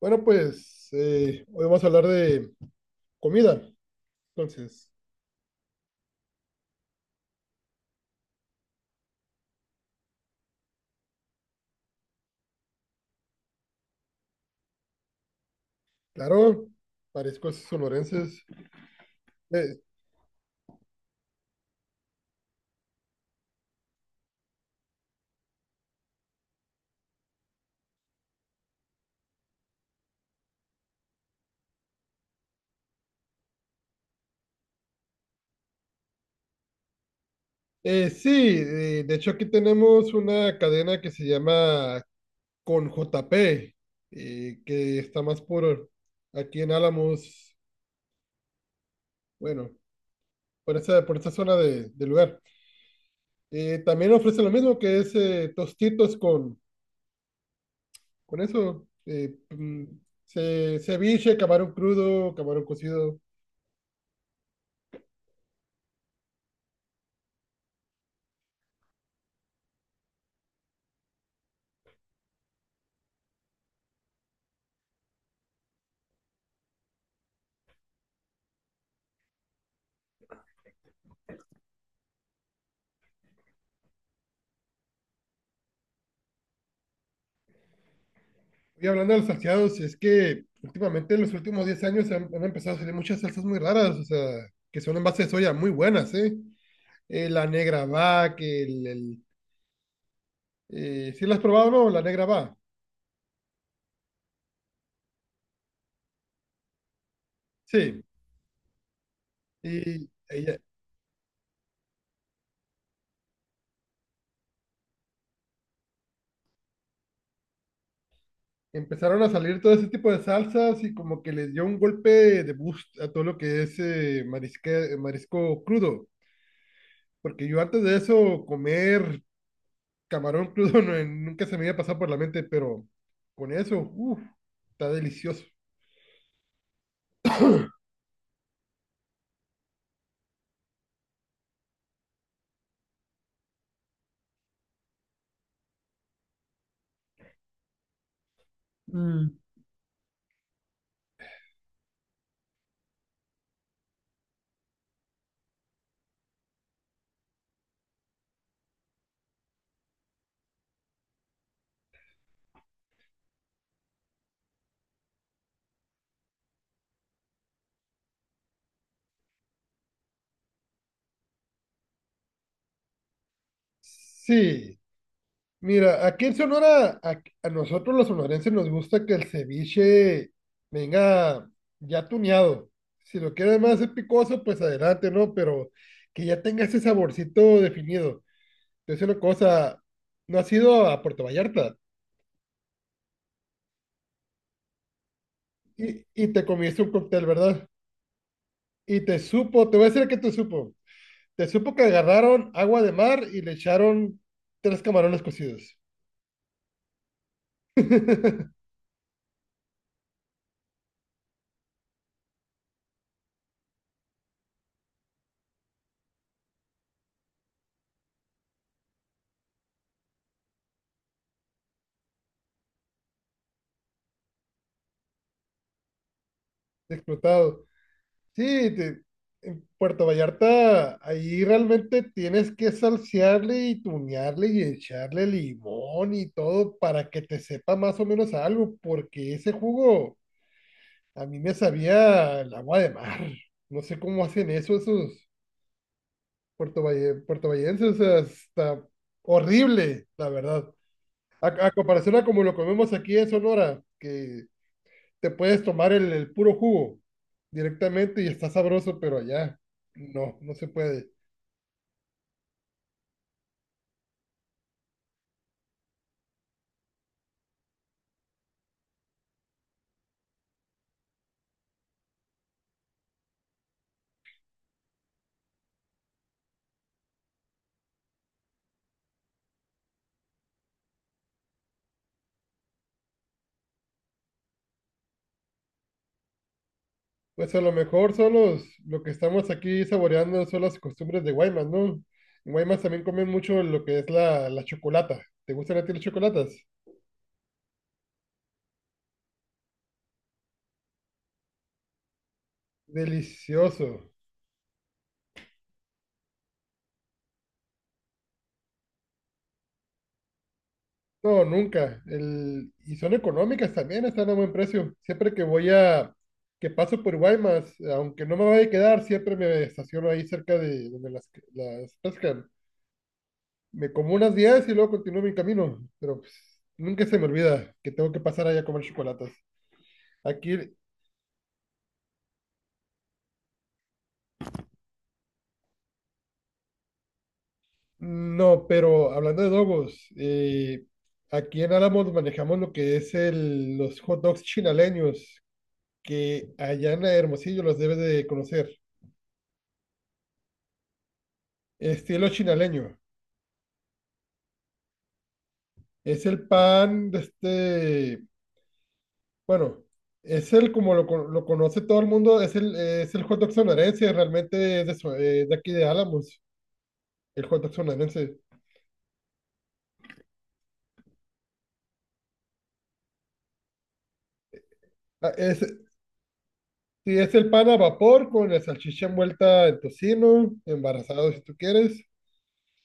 Bueno, pues hoy vamos a hablar de comida. Entonces, claro, mariscos sonorenses. Eh, eh, sí, de hecho aquí tenemos una cadena que se llama Con JP, que está más por aquí en Álamos, bueno, por esa zona del lugar. También ofrece lo mismo que es tostitos con eso, ceviche, camarón crudo, camarón cocido. Y hablando de los salteados, es que últimamente en los últimos 10 años han empezado a salir muchas salsas muy raras, o sea, que son en base de soya muy buenas, ¿eh? La negra va, ¿sí la has probado o no? La negra va, sí. Y ella- Empezaron a salir todo ese tipo de salsas y como que les dio un golpe de boost a todo lo que es marisco crudo, porque yo antes de eso comer camarón crudo nunca se me había pasado por la mente, pero con eso, uff, está delicioso. Sí, mira, aquí en Sonora, a nosotros los sonorenses nos gusta que el ceviche venga ya tuneado. Si lo quieres más picoso, pues adelante, ¿no? Pero que ya tenga ese saborcito definido. Es una cosa, no has ido a Puerto Vallarta y te comiste un cóctel, ¿verdad? Y te supo, te voy a decir que te supo. Te supo que agarraron agua de mar y le echaron 3 camarones cocidos. Explotado. Sí, te- en Puerto Vallarta, ahí realmente tienes que salsearle y tunearle y echarle limón y todo para que te sepa más o menos algo, porque ese jugo a mí me sabía el agua de mar. No sé cómo hacen eso esos puertovallenses, o sea, está horrible, la verdad. A comparación a como lo comemos aquí en Sonora, que te puedes tomar el puro jugo directamente y está sabroso, pero allá no, no se puede. Pues a lo mejor son los, lo que estamos aquí saboreando son las costumbres de Guaymas, ¿no? En Guaymas también comen mucho lo que es la chocolata. ¿Te gustan a ti las chocolatas? Delicioso. No, nunca. El, y son económicas también, están a buen precio. Siempre que voy a, que paso por Guaymas, aunque no me vaya a quedar, siempre me estaciono ahí cerca de donde las pescan. Me como unas 10 y luego continúo mi camino, pero pues, nunca se me olvida que tengo que pasar allá a comer chocolates. Aquí, no, pero hablando de dogos, aquí en Álamos manejamos lo que es los hot dogs chinaleños, que allá en Hermosillo los debes de conocer. Estilo chinaleño. Es el pan de este, bueno, es el como lo conoce todo el mundo, es es el hot dog sonorense, realmente es de aquí de Álamos, el hot dog sonorense. Ah, Es, sí, es el pan a vapor con la salchicha envuelta en tocino, embarazado si tú quieres,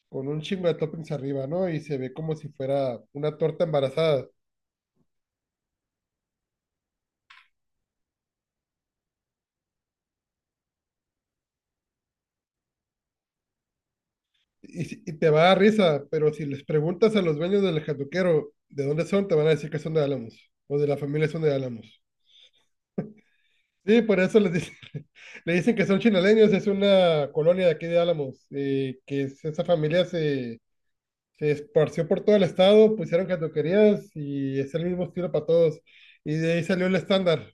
con un chingo de toppings arriba, ¿no? Y se ve como si fuera una torta embarazada. Y, si- Y te va a dar risa, pero si les preguntas a los dueños del jatuquero de dónde son, te van a decir que son de Álamos, o de la familia son de Álamos. Sí, por eso les dicen, le dicen que son chinaleños, es una colonia de aquí de Álamos, esa familia se Se esparció por todo el estado, pusieron cantoquerías y es el mismo estilo para todos. Y de ahí salió el estándar.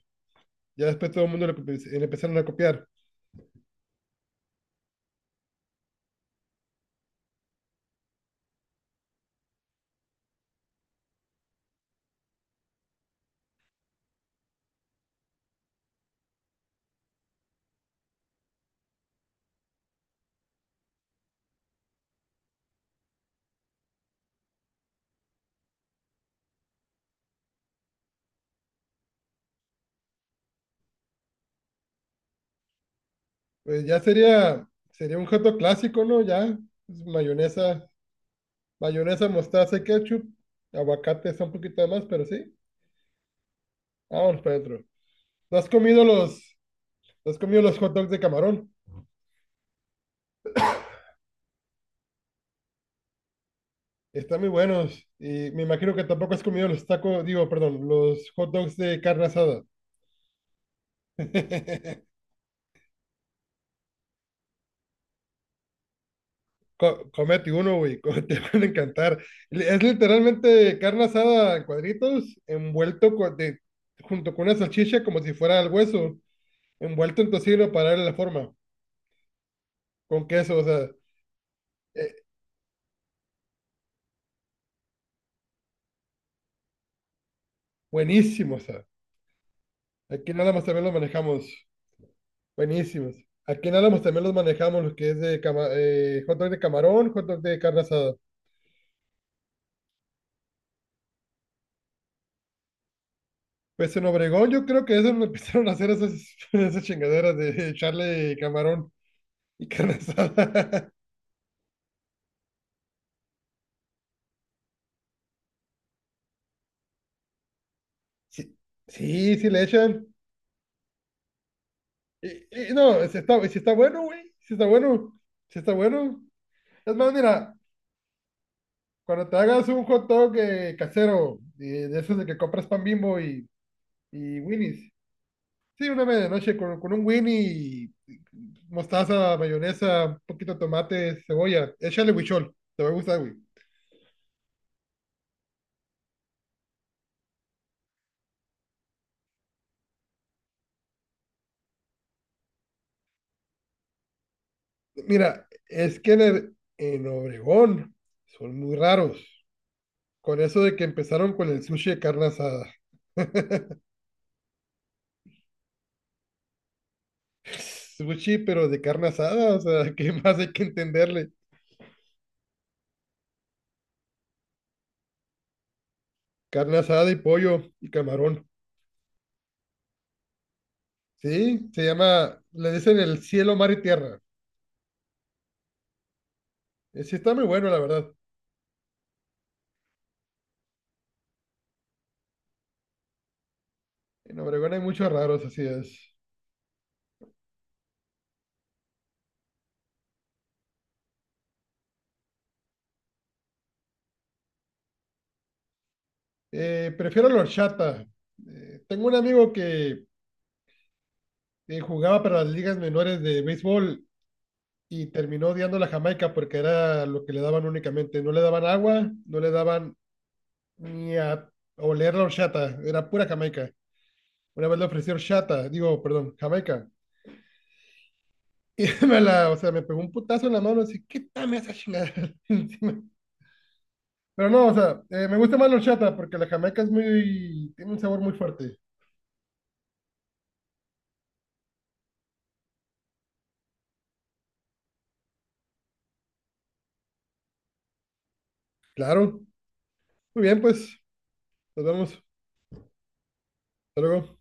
Ya después todo el mundo le empezaron a copiar. Pues ya sería, sería un hot dog clásico, ¿no? Ya, pues, mayonesa, mayonesa, mostaza y ketchup. Aguacate está un poquito de más, pero sí. Vámonos para adentro. ¿No has comido los, ¿no has comido los hot dogs de camarón? Están muy buenos. Y me imagino que tampoco has comido los tacos, digo, perdón, los hot dogs de carne asada. Comete uno, güey, te van a encantar. Es literalmente carne asada en cuadritos, junto con una salchicha como si fuera el hueso, envuelto en tocino para darle la forma, con queso, o sea, eh, buenísimo, o sea. Aquí nada más también los manejamos, buenísimos. Aquí nada más también los manejamos, los que es hot dog de camarón, hot dog de carne asada. Pues en Obregón yo creo que eso lo empezaron a hacer esas, esas chingaderas de echarle camarón y carne asada. Sí, sí, sí le echan. Y, y no, si está, si está bueno, güey. Si está bueno. Si está bueno. Es más, mira, cuando te hagas un hot dog casero, de esos de que compras pan Bimbo y Winnie's. Sí, una medianoche con un Winnie y mostaza, mayonesa, un poquito de tomate, cebolla. Échale huichol. Te va a gustar, güey. Mira, es que en, en Obregón son muy raros. Con eso de que empezaron con el sushi de carne asada. Pues pues sí, pero de carne asada, o sea, ¿qué más hay que entenderle? Carne asada y pollo y camarón. Sí, se llama, le dicen el cielo, mar y tierra. Sí, está muy bueno, la verdad. En Obregón hay muchos raros, así es. Prefiero la horchata. Tengo un amigo que jugaba para las ligas menores de béisbol y terminó odiando la Jamaica porque era lo que le daban únicamente. No le daban agua, no le daban ni a oler la horchata, era pura Jamaica. Una vez le ofreció horchata, digo, perdón, Jamaica. Y me la, o sea, me pegó un putazo en la mano, así, qué quítame esa chingada encima. Pero no, o sea, me gusta más la horchata porque la jamaica es muy, tiene un sabor muy fuerte. Claro. Muy bien, pues, nos vemos. Hasta luego.